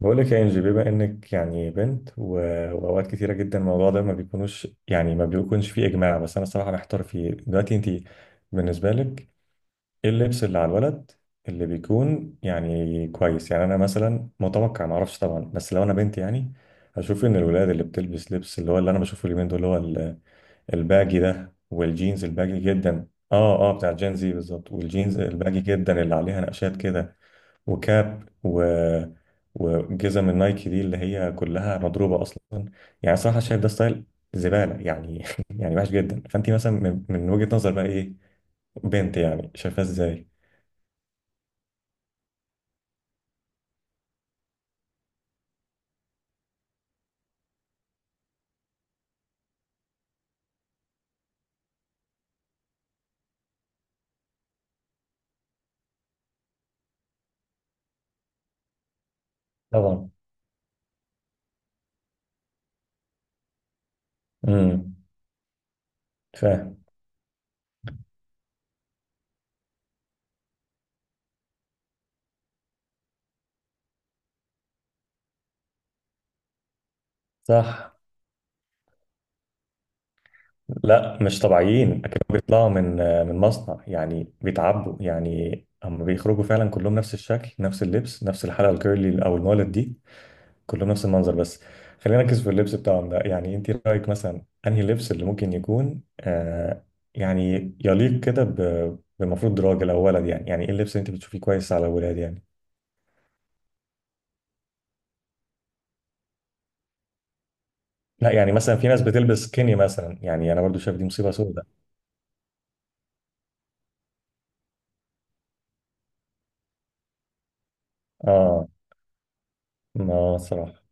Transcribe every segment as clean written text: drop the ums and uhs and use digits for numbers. بقول لك يا انجي، بما انك يعني بنت و- واوقات كتيره جدا الموضوع ده ما بيكونوش يعني ما بيكونش فيه اجماع، بس انا الصراحه محتار فيه دلوقتي. انت بالنسبه لك ايه اللبس اللي على الولد اللي بيكون يعني كويس؟ يعني انا مثلا متوقع، ما اعرفش طبعا، بس لو انا بنت يعني هشوف ان الولاد اللي بتلبس لبس اللي هو اللي انا بشوفه اليومين دول اللي هو ال- الباجي ده والجينز الباجي جدا، اه اه بتاع جين زي بالظبط، والجينز الباجي جدا اللي عليها نقشات كده وكاب و... وجزم النايكي دي اللي هي كلها مضروبه اصلا، يعني صراحه شايف ده ستايل زباله يعني يعني وحش جدا. فانت مثلا من وجهه نظر بقى ايه؟ بنت يعني شايفاه ازاي؟ طبعا. امم، فاهم. صح. لا مش طبيعيين اكيد، بيطلعوا من من مصنع يعني بيتعبوا، يعني هم بيخرجوا فعلا كلهم نفس الشكل نفس اللبس نفس الحلقه الكيرلي او المولد دي، كلهم نفس المنظر. بس خلينا نركز في اللبس بتاعهم ده. يعني انت رايك مثلا انهي لبس اللي ممكن يكون يعني يليق كده ب- بمفروض راجل او ولد، يعني يعني ايه اللبس اللي انت بتشوفيه كويس على الولاد يعني؟ لا، يعني مثلا في ناس بتلبس سكيني مثلا، يعني انا برضو شايف دي مصيبه سوداء. اه ما صراحه.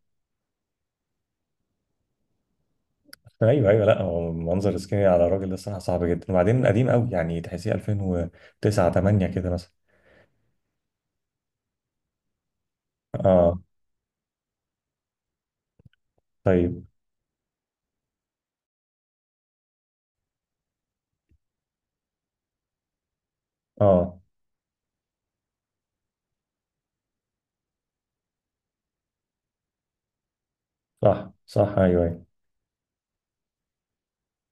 ايوه ايوه، لا هو منظر سكيني على الراجل ده الصراحه صعب جدا، وبعدين قديم قوي يعني تحسيه 2009 8 كده مثلا. اه. طيب. اه. صح صح، ايوه ايوه.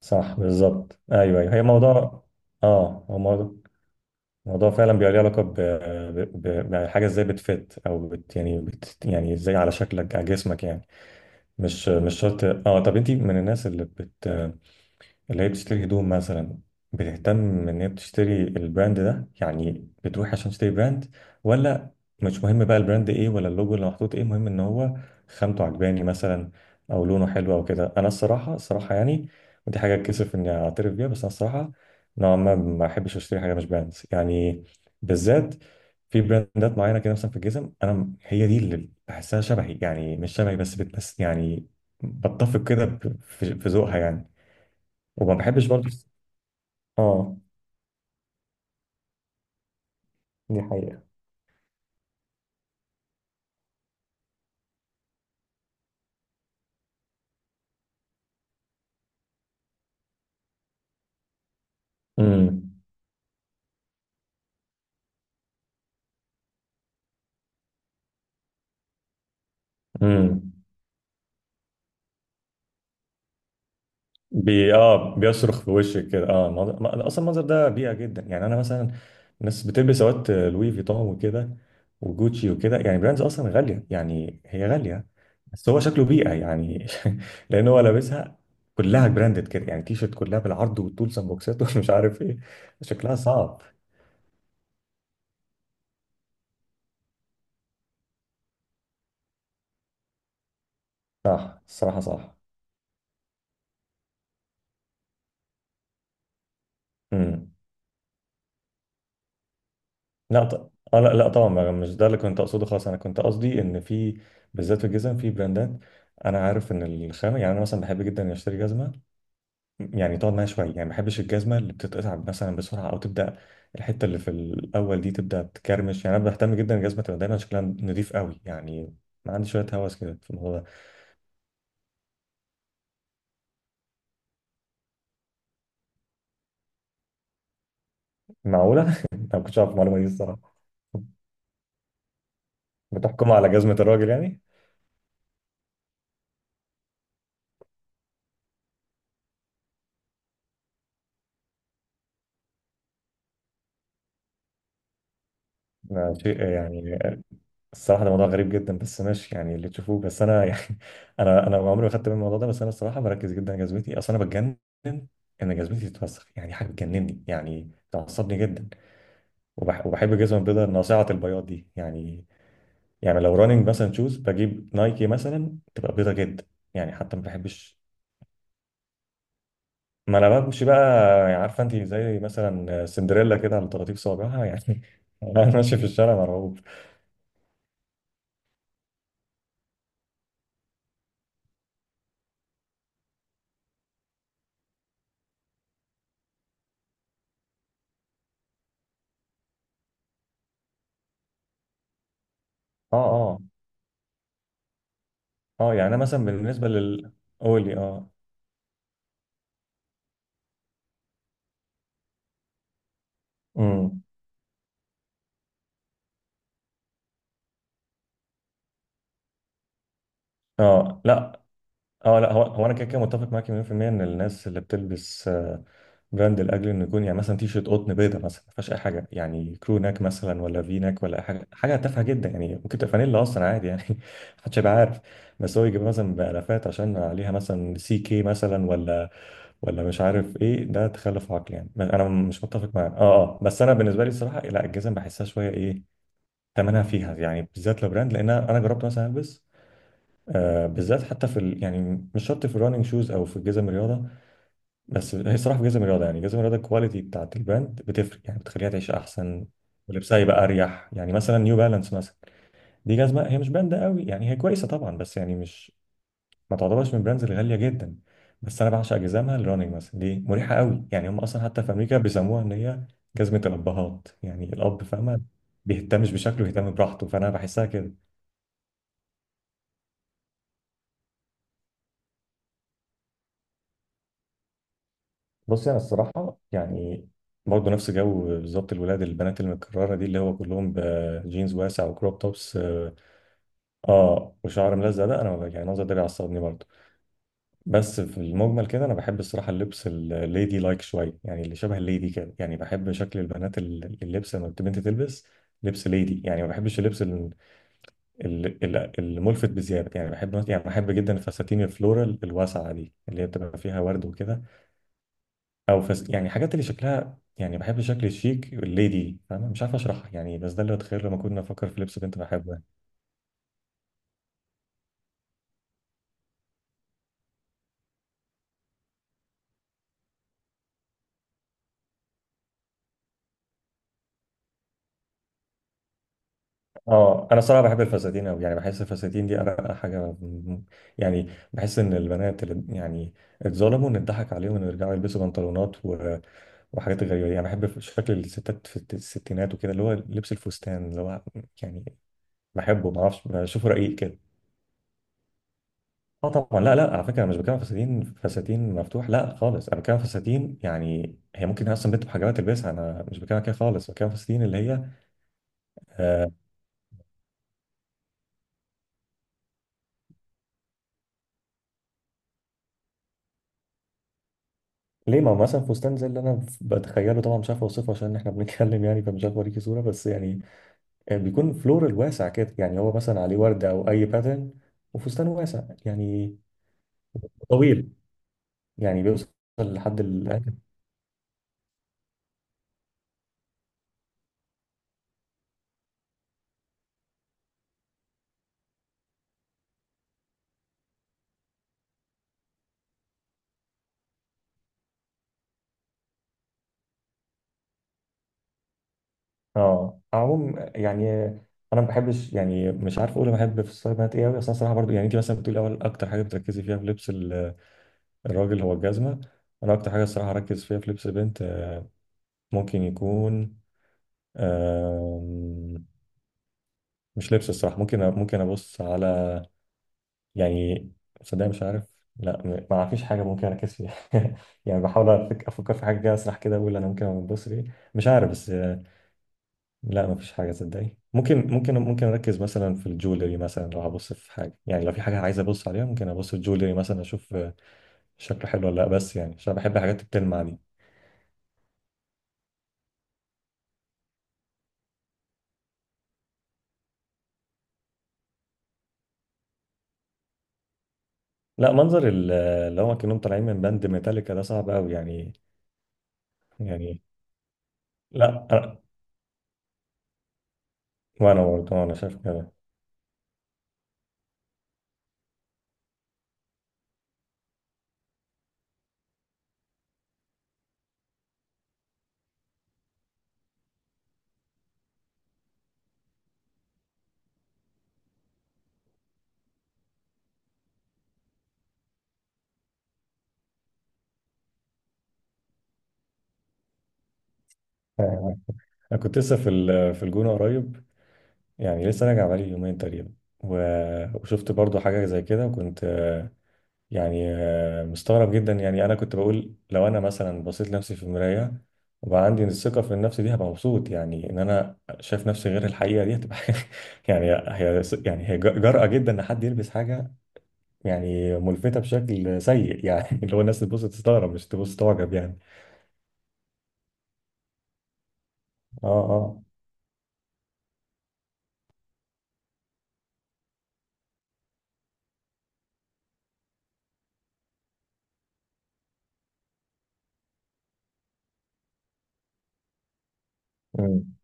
صح بالظبط، ايوه ايوه، هي موضوع. اه هو موضوع، موضوع فعلا بيبقى ليه علاقه ب... ب... ب... بحاجه، ازاي بتفت او بت... يعني بت... يعني ازاي على شكلك على جسمك يعني. مش مش شرط. اه طب انت من الناس اللي بت... اللي هي بتشتري هدوم مثلا، بتهتم ان هي بتشتري البراند ده، يعني بتروح عشان تشتري براند؟ ولا مش مهم بقى البراند ايه ولا اللوجو اللي محطوط ايه، مهم ان هو خامته عجباني مثلا او لونه حلو او كده؟ انا الصراحه الصراحه يعني ودي حاجه اتكسف اني اعترف بيها، بس انا الصراحه نوعا ما ما احبش اشتري حاجه مش براند يعني، بالذات في براندات معينه كده. مثلا في الجزم انا م- هي دي اللي بحسها شبهي، يعني مش شبهي بس بتمس يعني بتفق كده ب- في في ذوقها يعني. وما بحبش برضه. اه. دي حقيقة. امم. امم. بي اه بيصرخ في وشك كده، اه المنظر... ما- اصلا المنظر ده بيئة جدا، يعني انا مثلا الناس بتلبس سوات لوي فيتون وكده وجوتشي وكده، يعني براندز اصلا غالية، يعني هي غالية بس هو شكله بيئة يعني لان هو لابسها كلها براندد كده، يعني تيشرت كلها بالعرض والطول سان بوكسات ومش عارف ايه، شكلها صعب. صح الصراحة صح. امم. لا ط... اه لا لا طبعا، ما- مش ده اللي كنت اقصده خالص، انا كنت قصدي ان في بالذات في الجزم في براندات انا عارف ان الخامه، يعني انا مثلا بحب جدا اني اشتري جزمه يعني تقعد معايا شويه، يعني ما بحبش الجزمه اللي بتتقطع مثلا بسرعه او تبدا الحته اللي في الاول دي تبدا تكرمش. يعني انا بهتم جدا الجزمه تبقى دايما شكلها نضيف قوي، يعني ما عندي شويه هوس كده في الموضوع ده. معقوله انا ما كنتش اعرف المعلومه دي الصراحه. بتحكم على جزمه الراجل يعني. ما شيء يعني. الصراحة ده موضوع غريب جدا بس ماشي، يعني اللي تشوفوه. بس أنا يعني أنا عمري ما خدت بالي من الموضوع ده، بس أنا الصراحة بركز جدا على جزمتي، أصل أنا بتجنن إن جزمتي تتوسخ، يعني حاجة بتجنني يعني تعصبني جدا. وبحب الجزمة البيضاء ناصعة البياض دي يعني. يعني لو راننج مثلا شوز بجيب نايكي مثلا تبقى بيضاء جدا يعني، حتى ما بحبش. ما أنا بمشي بقى، يعني عارفة أنت زي مثلا سندريلا كده على طراطيف صوابعها يعني أنا ماشي في الشارع مرعوب. أه أه. أه يعني أنا مثلا بالنسبة لل... قولي أه. امم. اه لا. اه لا، هو انا كده كده متفق معاك 100% ان الناس اللي بتلبس براند لاجل انه يكون، يعني مثلا تي شيرت قطن بيضه مثلا ما فيهاش اي حاجه، يعني كرو ناك مثلا ولا في ناك ولا اي حاجه، حاجه تافهه جدا يعني، ممكن تبقى فانيلا اصلا عادي يعني محدش هيبقى عارف. بس هو يجيب مثلا بالافات عشان عليها مثلا سي كي مثلا، ولا ولا مش عارف ايه، ده تخلف عقلي يعني، انا مش متفق معاه اه اه. بس انا بالنسبه لي الصراحه لا الجزم بحسها شويه ايه، ثمنها فيها يعني بالذات لو براند، لان انا جربت مثلا البس بالذات حتى في ال... يعني مش شرط في الراننج شوز او في جزم الرياضه. بس هي الصراحه في جزم الرياضه، يعني جزم الرياضه الكواليتي بتاعت البراند بتفرق يعني بتخليها تعيش احسن ولبسها يبقى اريح. يعني مثلا نيو بالانس مثلا دي جزمه هي مش براند قوي يعني، هي كويسه طبعا بس يعني مش ما تعتبرش من البراندز الغاليه جدا، بس انا بعشق جزامها الراننج مثلا دي مريحه قوي يعني. هم اصلا حتى في امريكا بيسموها ان هي جزمه الابهات، يعني الاب فاهمه، بيهتمش بشكله يهتم براحته، فانا بحسها كده. بص انا الصراحه يعني برضه نفس جو بالظبط الولاد، البنات المتكرره دي اللي هو كلهم بجينز واسع وكروب توبس اه، وشعر ملزق ده، انا يعني المنظر ده بيعصبني برضه. بس في المجمل كده انا بحب الصراحه اللبس الليدي لايك شويه، يعني اللي شبه الليدي كده، يعني بحب شكل البنات ال- اللبس لما البنت تلبس لبس ليدي، يعني ما بحبش اللبس ال- ال- ال- الملفت بزياده. يعني بحب، يعني بحب جدا الفساتين الفلورال الواسعه دي اللي هي بتبقى فيها ورد وكده، او فس يعني حاجات اللي شكلها يعني، بحب الشكل الشيك الليدي، فاهم؟ مش عارف اشرحها يعني، بس ده اللي اتخيل لما كنا افكر في لبس بنت بحبه يعني. اه انا صراحه بحب الفساتين قوي، يعني بحس الفساتين دي ارقى حاجه م- يعني بحس ان البنات اللي يعني اتظلموا ان اتضحك عليهم ان يرجعوا يلبسوا بنطلونات و... وحاجات غريبه دي. يعني بحب شكل الستات في الت- الستينات وكده، اللي هو لبس الفستان اللي هو يعني بحبه، ما اعرفش بشوفه رقيق كده. اه طبعا، لا لا على فكره انا مش بتكلم فساتين فساتين مفتوح لا خالص، انا بتكلم فساتين يعني هي ممكن اصلا بنت بحجابات تلبسها، انا مش بتكلم كده خالص، بتكلم فساتين اللي هي آه ليه. ما هو مثلا فستان زي اللي انا بتخيله، طبعا مش عارف اوصفه عشان احنا بنتكلم يعني، فمش عارف اوريكي صوره بس يعني بيكون فلورال واسع كده، يعني هو مثلا عليه ورده او اي باترن، وفستان واسع يعني طويل يعني بيوصل لحد الأنكل. اه عموم يعني انا ما بحبش، يعني مش عارف اقول أنا بحب في الستايل بنات ايه قوي. اصل انا صراحه برضو، يعني انت مثلا بتقولي اول اكتر حاجه بتركزي فيها في لبس ال- الراجل هو الجزمه، انا اكتر حاجه الصراحه اركز فيها في لبس البنت ممكن يكون آم، مش لبس الصراحه، ممكن أ- ممكن ابص على يعني صدق مش عارف، لا م- ما فيش حاجه ممكن اركز فيها يعني بحاول أفك- افكر في حاجه كده اسرح كده اقول انا ممكن ابص في إيه. مش عارف. بس لا مفيش حاجة صدقني، ممكن أركز مثلا في الجولري مثلا، لو هبص في حاجة، يعني لو في حاجة عايز أبص عليها ممكن أبص في الجولري مثلا أشوف شكله حلو ولا لأ، بس يعني عشان بحب الحاجات التلمع دي. لا منظر ال- اللي هو كأنهم طالعين من باند ميتاليكا ده صعب أوي يعني. يعني لا أنا، وأنا برضه أنا شايف كده. أنا كنت لسه في ال- في الجونة قريب، يعني لسه راجع بقالي يومين تقريبا، و- وشفت برضه حاجة زي كده وكنت يعني مستغرب جدا. يعني انا كنت بقول لو انا مثلا بصيت لنفسي في المرايه وبقى عندي الثقه في النفس دي هبقى مبسوط يعني ان انا شايف نفسي غير الحقيقه، دي هتبقى يعني هي، يعني هي جرأة جدا ان حد يلبس حاجه يعني ملفته بشكل سيء يعني اللي هو الناس تبص تستغرب مش تبص تعجب يعني. اه اه. أمم.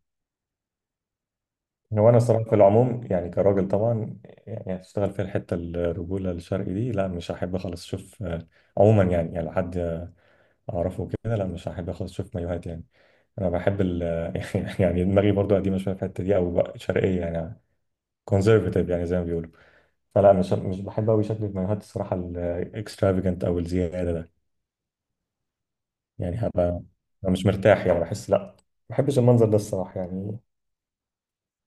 هو انا الصراحه في العموم يعني كراجل طبعا، يعني هتشتغل في الحته الرجوله الشرقي دي، لا مش هحب خالص اشوف عموما يعني، يعني لو حد اعرفه كده لا مش هحب خالص اشوف مايوهات يعني. انا بحب ال يعني دماغي برضو قديمه شويه في الحته دي او بقى شرقيه يعني، كونزرفاتيف يعني زي ما بيقولوا، فلا مش بحب قوي شكل المايوهات الصراحه الاكسترافيجنت او الزياده ده، يعني هبقى أنا مش مرتاح يعني، بحس لا ما بحبش المنظر ده الصراحه يعني.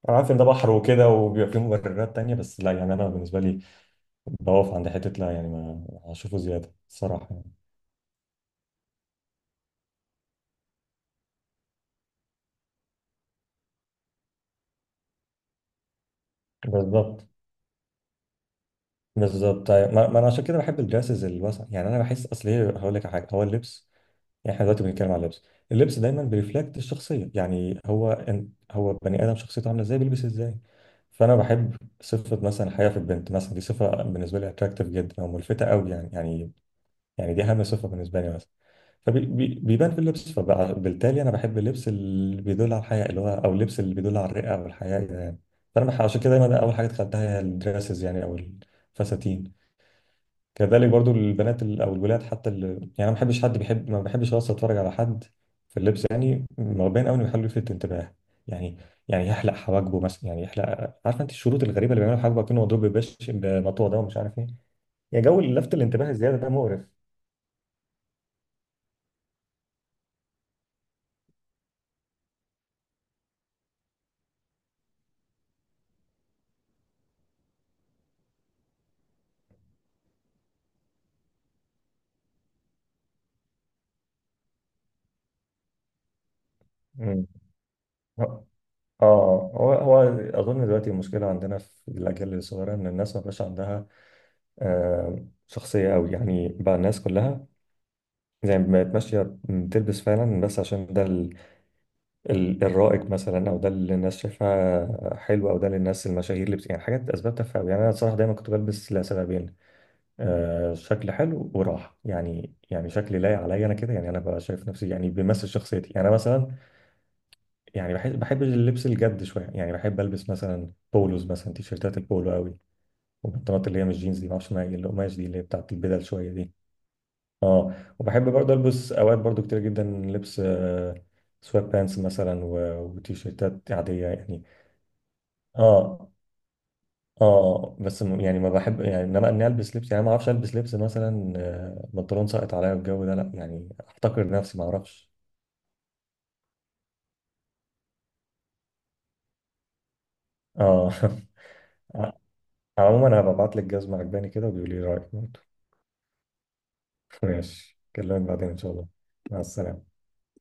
انا عارف ان ده بحر وكده وبيبقى فيه مبررات تانية، بس لا يعني انا بالنسبه لي بقف عند حته، لا يعني ما هشوفه زياده الصراحه يعني. بالظبط. بالظبط. طيب ما انا عشان كده بحب الدراسز الواسعه يعني، انا بحس اصل ايه، هقول لك على حاجه. هو اللبس، يعني احنا دلوقتي بنتكلم على اللبس، اللبس دايما بيرفلكت الشخصيه، يعني هو إن هو بني ادم شخصيته عامله ازاي بيلبس ازاي. فانا بحب صفه مثلا حياه في البنت مثلا، دي صفه بالنسبه لي اتراكتيف جدا او ملفته قوي يعني، يعني يعني دي اهم صفه بالنسبه لي مثلا، فبيبان في اللبس، فبالتالي انا بحب اللبس اللي بيدل على الحياه، اللي هو او اللبس اللي بيدل على الرئه او الحياه يعني. فانا بح- عشان كده دايما اول حاجه دخلتها هي الدراسز يعني، او الفساتين. كذلك برضو البنات ال- او الولاد حتى ال... يعني انا ما بحبش حد بيحب، ما بحبش اصلا اتفرج على حد في اللبس يعني مبين قوي انه يحاول يلفت انتباه. يعني يعني يحلق حواجبه مثلا، يعني يحلق، عارفه انت الشروط الغريبه اللي بيعملوا حواجبه كانه مضروب ببش بمطوه ده ومش عارف ايه. يا جو لفت الانتباه الزياده ده مقرف. امم. اه. هو هو اظن دلوقتي المشكله عندنا في الاجيال الصغيره ان الناس ما بقاش عندها آه شخصيه قوي يعني، بقى الناس كلها زي ما بقت ماشيه بتلبس فعلا بس عشان ده ال- الرائج مثلا، او ده اللي الناس شايفاه حلو، او ده اللي الناس المشاهير اللي بت... يعني حاجات اسباب تافهه أوي. يعني انا صراحه دايما كنت بلبس لسببين، آه شكل حلو وراحه، يعني يعني شكلي لايق عليا انا كده يعني، انا ببقى شايف نفسي يعني بيمثل شخصيتي. يعني انا مثلا يعني بحب اللبس الجد شويه، يعني بحب البس مثلا بولوز مثلا، تيشيرتات البولو قوي، والبنطلونات اللي هي مش جينز دي، معرفش ما هي القماش دي اللي هي بتاعت البدل شويه دي، اه. وبحب برضه البس اوقات برضه كتير جدا لبس سوات بانس مثلا، و- وتيشيرتات عاديه يعني. اه اه، بس م- يعني ما بحب، يعني انما اني البس لبس يعني ما اعرفش البس لبس مثلا بنطلون ساقط عليا والجو ده، لا يعني احتقر نفسي ما اعرفش. اه عموما انا ببعت لك جزمه عجباني كده وبيقولي لي رايك برضه. ماشي، كلمك بعدين ان شاء الله. مع السلامه.